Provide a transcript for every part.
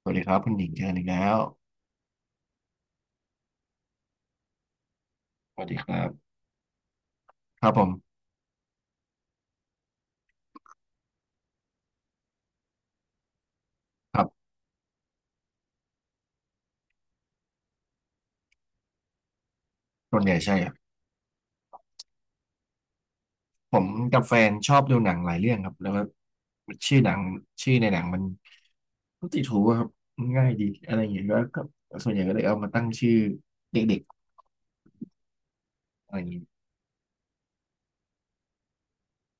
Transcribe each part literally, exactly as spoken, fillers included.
สวัสดีครับคุณหญิงเจอกันอีกแล้วสวัสดีครับครับผมครับส่วนใหญ่ใช่ครับผมกับแฟนชอบดูหนังหลายเรื่องครับแล้วก็ชื่อหนังชื่อในหนังมันก็ติดหูอะครับง่ายดีอะไรอย่างเงี้ยแล้วก็ส่วนใหญ่ก็เลยเอามาตั้งชื่อเด็กๆอะไรอย่างเงี้ย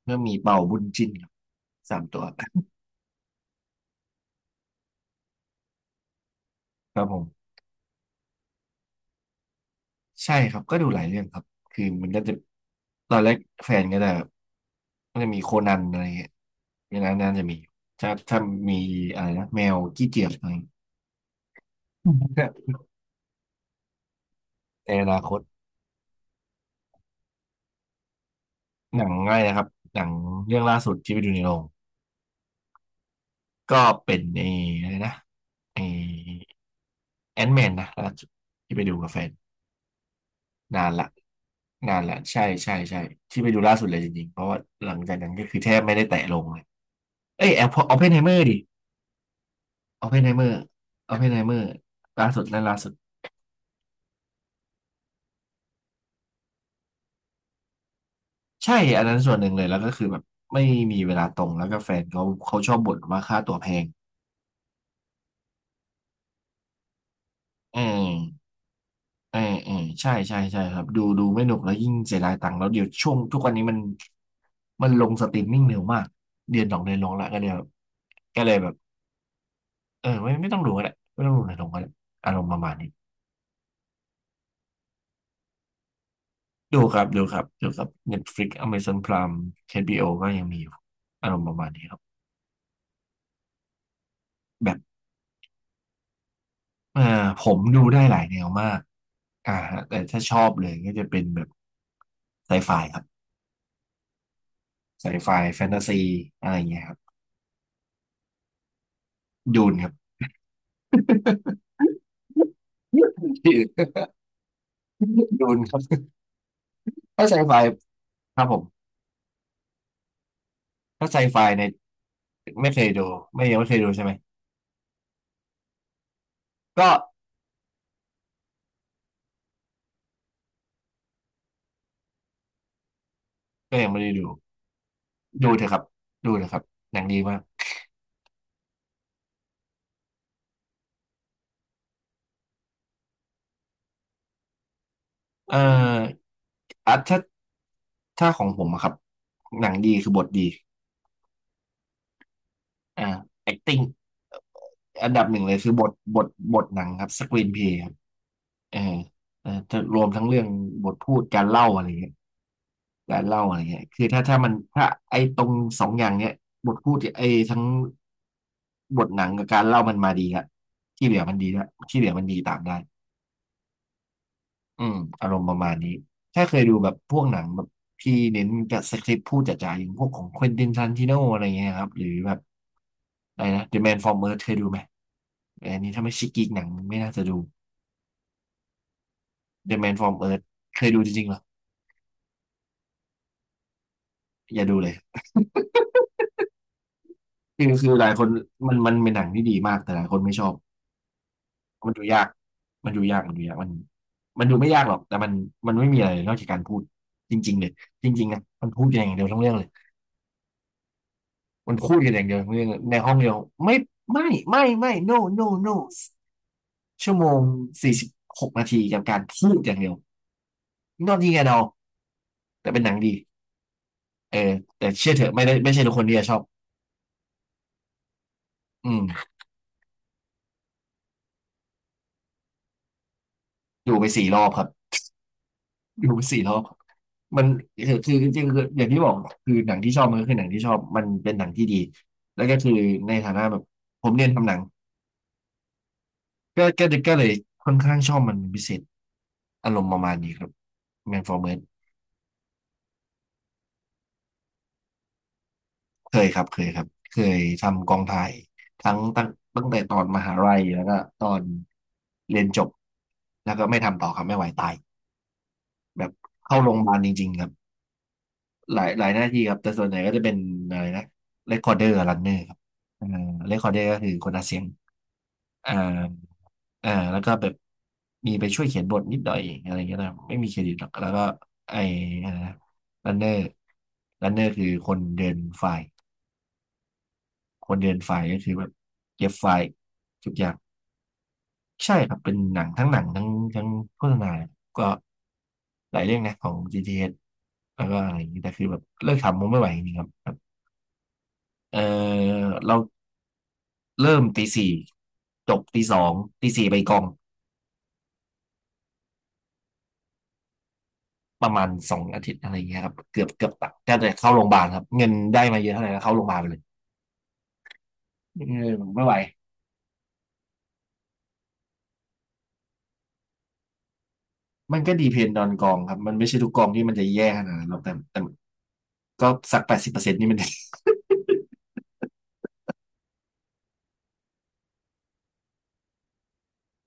ก็มีเป่าบุญจินครับสามตัวครับผมใช่ครับก็ดูหลายเรื่องครับคือมันก็จะตอนแรกแฟนก็จะก็จะมีโคนันอะไรอย่างเงี้ยในนั้นน่าจะมีถ้าถ้ามีอะไรนะแมวกี้เกียจอะไร ในอนาคตหนังง่ายนะครับหนังเรื่องล่าสุดที่ไปดูในโรงก็เป็นไอ้อะไรนะไอ้แอนแมนนะล่าสุดที่ไปดูกับแฟนนานละนานละใช่ใช่ใช่ที่ไปดูล่าสุดเลยจริงๆเพราะว่าหลังจากนั้นก็คือแทบไม่ได้แตะลงเลยเอ้ยแอปออปเพนไฮเมอร์ดิออปเพนไฮเมอร์ออปเพนไฮเมอร์ล่าสุดนั่นล่าสุดใช่อันนั้นส่วนหนึ่งเลยแล้วก็คือแบบไม่มีเวลาตรงแล้วก็แฟนเขาเขาชอบบ่นว่าค่าตั๋วแพงอืม เออเออใช่ใช่ใช่ครับดูดูไม่หนุกแล้วยิ่งเสียดายตังค์แล้วเดี๋ยวช่วงทุกวันนี้มันมันลงสตรีมมิ่งเร็วมากเดือนสองเดือนลงละก็เลยแบบก็เลยแบบเออไม่ไม่ต้องดูก็ได้ไม่ต้องดูในลงก็ได้อารมณ์ประมาณนี้ดูครับดูครับดูครับ Netflix Amazon Prime เอชบีโ o ก็ยังมีอยู่อารมณ์ประมาณนี้ครับแบบเออผมดูได้หลายแนวมากอ่าฮะแต่ถ้าชอบเลยก็จะเป็นแบบไซไฟครับไซไฟแฟนตาซีอะไรอย่างเงี้ยครับดูนครับ ดูนครับถ้าไซไฟครับผมถ้าไซไฟในไม่เคยดูไม่ยังไม่เคยดูใช่ไหมก็ก็ยังไม่ได้ดูดูเถอะครับดูเถอะครับหนังดีมากเอ่ออ่ะถ้าถ้าของผมอะครับหนังดีคือบทดีอ่า acting อันดับหนึ่งเลยคือบทบทบทหนังครับ screen play ครับเออเออจะรวมทั้งเรื่องบทพูดการเล่าอะไรอย่างเงี้ย การเล่าอะไรเงี้ยคือถ้าถ้ามันถ้าไอ้ตรงสองอย่างเนี้ยบทพูดไอ้ทั้งบทหนังกับการเล่ามันมาดีละที่เหลือมันดีละที่เหลือมันดีตามได้อืมอารมณ์ประมาณนี้ ถ้าเคยดูแบบพวกหนังแบบที่เน้นกับสคริปต์พูดจ๋าๆอย่างพวกของควินตินทารันติโนอะไรเงี้ยครับ หรือแบบอะไรนะ The Man from Earth เคยดูไหมอันนี้ถ้าไม่ชิกกีกหนังไม่น่าจะดู The Man from Earth เคยดูจริงๆเหรอ อย่าดูเลย คือคือหลายคนมันมันเป็นหนังที่ดีมากแต่หลายคนไม่ชอบ มันดูยากมันดูยากมันดูยากมันมันดูไม่ยากหรอก แต่มันมันไม่มีอะไรนอกจากการพูดจริงๆเลยจริงๆนะมันพูดกันอย่างเดียวทั้งเรื่องเลยมันพูดกันอย่างเดียวทั้งเรื่องเลยในห้องเดียวไม่ไม่ไม่ไม่ no no no ชั่วโมงสี่สิบหกนาทีกับการพูดอย่างเดียว not ที่แกเดาแต่เป็นหนังดีเออแต่เชื่อเถอะไม่ได้ไม่ใช่ทุกคนที่จะชอบอืมดูไปสี่รอบครับ ดูสี่รอบมันคือคือจริงๆคืออย่างที่บอกคือหนังที่ชอบมันก็คือหนังที่ชอบมันเป็นหนังที่ดี แล้วก็คือในฐานะแบบผมเรียนทำหนังก็ก็ก็เลยค่อนข้างชอบมันเป็นพิเศษอารมณ์ประมาณนี้ครับแมนฟอร์เมสเคยครับเคยครับเคยทำกองถ่ายทั้งตั้งตั้งแต่ตอนมหาลัยแล้วก็ตอนเรียนจบแล้วก็ไม่ทำต่อครับไม่ไหวตายแบบเข้าโรงพยาบาลจริงๆครับ หลายหลายหน้าที่ครับแต่ส่วนใหญ่ก็จะเป็นอะไรนะเรคคอร์เดอร์รันเนอร์ครับอ่าเรคคอร์เดอร์ก็คือคนอัดเสียงอ่าอ่าแล้วก็แบบมีไปช่วยเขียนบทนิดหน่อยอะไรเงี้ยนะไม่มีเครดิตหรอกแล้วก็ไออะไรนะรันเนอร์รันเนอร์คือคนเดินไฟล์คนเดินไฟล์ก็คือแบบเก็บไฟล์ทุกอย่างใช่ครับเป็นหนังทั้งหนังทั้งทั้งโฆษณาก็หลายเรื่องนะของ จี ที เอช แล้วก็อะไรอย่างนี้แต่คือแบบเลิกทำมันไม่ไหวจริงๆครับแบบเออเรา เริ่มตีสี่จบตีสองตีสี่ไปกองประมาณสองอาทิตย์อะไรอย่างเงี้ยครับเกือบเกือบตัดก็จะเข้าโรงพยาบาลครับเงินได้มาเยอะเท่าไหร่ก็เข้าโรงพยาบาลไปเลยเออไม่ไหวมันก็ดีเพนดอนกองครับมันไม่ใช่ทุกกองที่มันจะแย่ขนาดนั้นหรอกแต่แต่ก็สักแปดสิบเปอร์เซ็นต์นี่มัน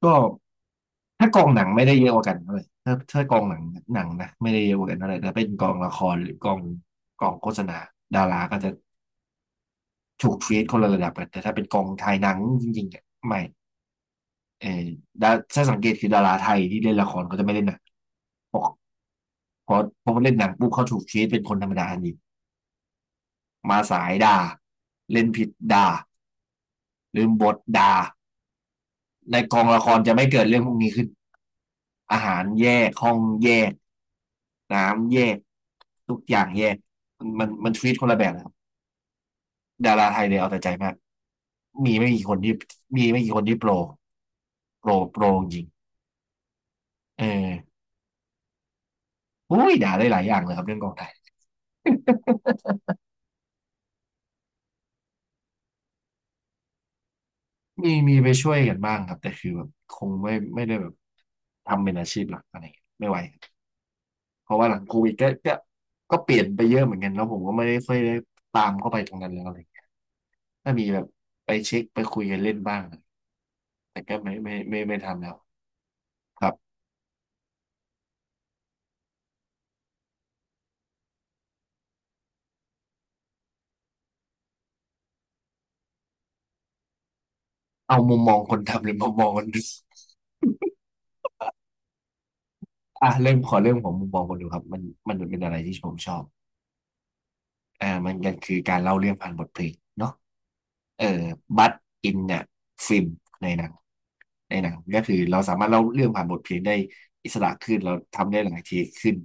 ก็ถ้ากองหนังไม่ได้เยอะกว่ากันเลยถ้าถ้ากองหนังหนังนะไม่ได้เยอะกว่ากันเท่าไหร่แต่เป็นกองละครหรือกองกองโฆษณาดาราก็จะถูกทรีตคนละระดับกันแต่ถ้าเป็นกองถ่ายหนังจริงๆเนี่ยไม่ เออดาถ้าสังเกตคือดาราไทยที่เล่นละครเขาจะไม่เล่นหนังเพราะเพราะเพราะเล่นหนังปุ๊บเขาถูกชีตเป็นคนธรรมดาทันทีมาสายด่าเล่นผิดด่าลืมบทด่าในกองละครจะไม่เกิดเรื่องพวกนี้ขึ้นอาหารแยกห้องแยกน้ำแยกทุกอย่างแยกมันมันมันทีตคนละแบบนะครับดาราไทยเลยเอาแต่ใจมากมีไม่กี่คนที่มีไม่กี่คนที่โปรโปรโปรจริงเอออุ้ยด่าได้หลายอย่างเลยครับเรื่องกองไทย มีมีไปช่วยกันบ้างครับแต่คือแบบคงไม่ไม่ได้แบบทำเป็นอาชีพหลักอะไรอย่างเงี้ยไม่ไหวเพราะว่าหลังโควิดก็ก็ก็เปลี่ยนไปเยอะเหมือนกันแล้วผมก็ไม่ได้ค่อยได้ตามเข้าไปตรงนั้นแล้วอะไรอย่างเงี้ยถ้ามีแบบไปเช็คไปคุยกันเล่นบ้างแต่ก็ไม่ไม่ไม่ไม่ทำแล้วครับเอามุมมองคนทำหรือมุมมองคนดู อ่ะเริ่มขอเริ่มของมุมมองคนดูครับมันมันเป็นอะไรที่ผมชอบอ่ามันก็คือการเล่าเรื่องผ่านบทเพลงเนาะ เอ่อบัตอินเนี่ยฟิล์มในหนังในหนังก็คือเราสามารถเล่าเรื่องผ่านบทเพลงได้อิสระขึ้นเราทำได้หลายเทคขึ้น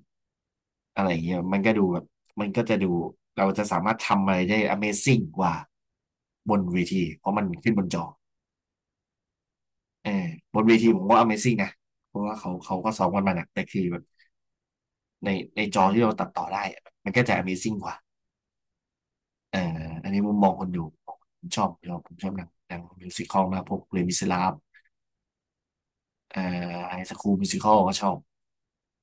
อะไรอย่างเงี้ยมันก็ดูแบบมันก็จะดูเราจะสามารถทำอะไรได้ Amazing กว่าบนเวทีเพราะมันขึ้นบนจอเออบนเวทีผมว่า Amazing นะเพราะว่าเขาเขาก็ซ้อมกันมาหนักแต่คือแบบในในจอที่เราตัดต่อได้อะมันก็จะ Amazing กว่าเอออันนี้มุมมองคนดูผมชอบเราผมชอบหนังหนังมิวสิคอลมากพวกเลมิสลาฟ เอ่อไฮสคูลมิวสิคอลก็ชอบ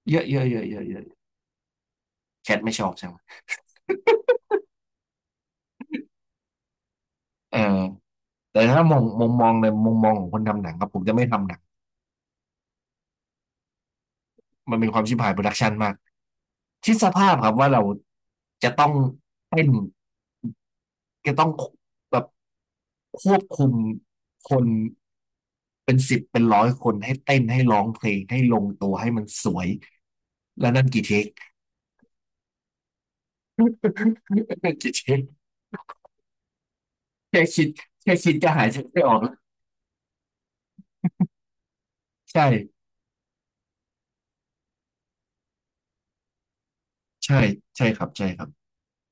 เยอะเยอะเยอะเยอะเยอะแคทไม่ชอบใช่ไหมเออแต่ถ้ามองมองมองในมุมมองของคนทำหนังครับผมจะไม่ทำหนังมันเป็นความชิบหายโปรดักชันมากคิดสภาพครับว่าเราจะต้องเต้นจะต้องแบบควบคุมคนเป็นสิบเป็นร้อยคนให้เต้นให้ร้องเพลงให้ลงตัวให้มันสวยแล้วนั่นกี่เทค นั่น กี่เทคแค่คิดแค่คิดก็หายใจไม่ออกแล้วใช่ใช่ใช่ครับใช่ครับ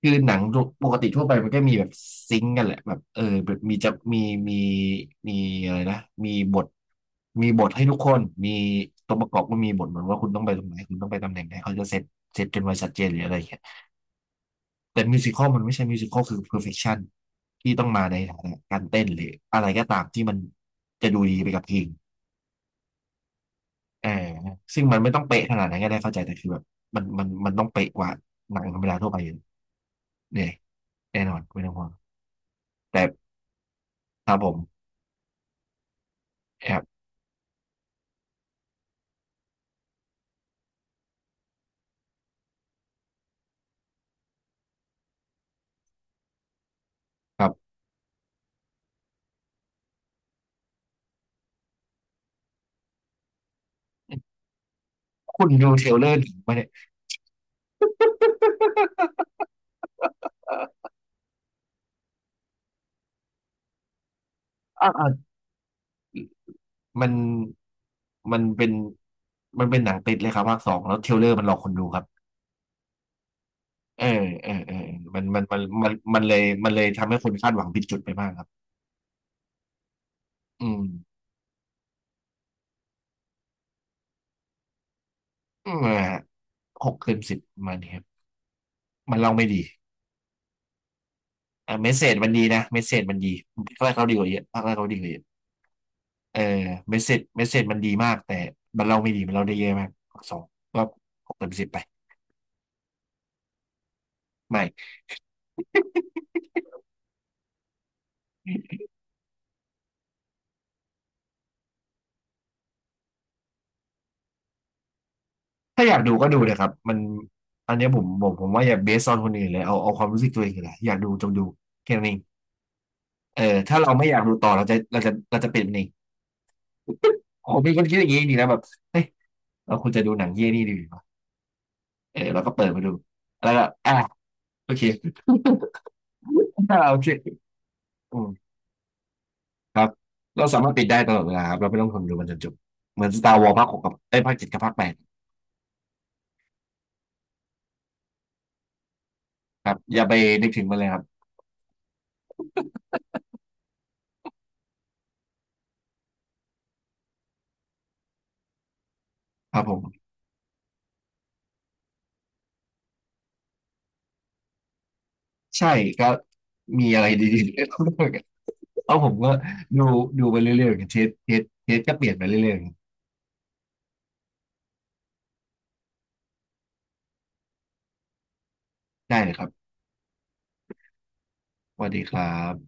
คือหนังปกติทั่วไปมันก็มีแบบซิงก์กันแหละแบบเออแบบมีจะมีมีมีอะไรนะมีบทมีบทให้ทุกคนมีตัวประกอบก็มีบทเหมือนว่าคุณต้องไปตรงไหนคุณต้องไปตำแหน่งไหนเขาจะเซตเซตกันไว้ชัดเจนหรืออะไรอย่างเงี้ยแต่มิวสิคอลมันไม่ใช่มิวสิคอลคือ perfection ที่ต้องมาในฐานะการเต้นหรืออะไรก็ตามที่มันจะดูดีไปกับเพลงเออซึ่งมันไม่ต้องเป๊ะขนาดนั้นก็ได้เข้าใจแต่คือแบบมันมันมันต้องเป๊ะกว่าหนังธรรมดาทั่วไปอยู่เนี่ยแน่นอนไม่ต้องห่วงแต่ครับผม ครับครับคุณดูเทรลเลอร์หนังมาเนี่ยอ่าอ่ามันมันเป็นมันเป็นหนังติดเลยครับภาคสองแล้วเทรลเลอร์มันหลอกคนดูครับเออเออเออมันมันมันมันมันเลยมันเลยทำให้คนคาดหวังผิดจุดไปมากครับอืมอืมอ่าหกเต็มสิบประมันครับมันเล่าไม่ดีอ่าเมสเซจมันดีนะเมสเซจมันดีภาคแรกเขาดีกว่าเยอะภาคแรกเขาดีกว่าเยอะเออเมสเซจเมสเซจมันดีมากแต่มันเล่าไม่ดีมันเล่าได้เยอะมากภาคสองก็หกเต็มสิบไปไม่ ถ้าอยากดูก็ดูเลยครับมันอันเนี้ยผมผมผมว่าอย่าเบสออนคนอื่นเลยเอาเอาความรู้สึกตัวเองเลยอยากดูจงดูแค่นั้นเองเออถ้าเราไม่อยากดูต่อเราจะเราจะเราจะเป็นเอง ผมเป็นคนคิดอย่างนี้นี่นะแบบเฮ้ยเราควรจะดูหนังเยี่ยนี่ดีกว่าเออเราก็เปิดมาดูแล้วก็อ่ะโอเค อ่าโอเคอืมครับเราสามารถปิดได้ตลอดเวลาครับเราไม่ต้องทนดูมันจนจบเหมือน Star Wars ภาคหกกับไอ้ยภาคเจ็ดกับภาคแปดครับอย่าไปนึกถึงมันเลยครับครับผมใช่ก็มีอะไรดีๆ เพราะผมก็ดูดูไปเรื่อยๆอย่างเทสเทสเทสก็เปลี่ยนไปเรื่อยๆได้เลยครับสวัสดีครับ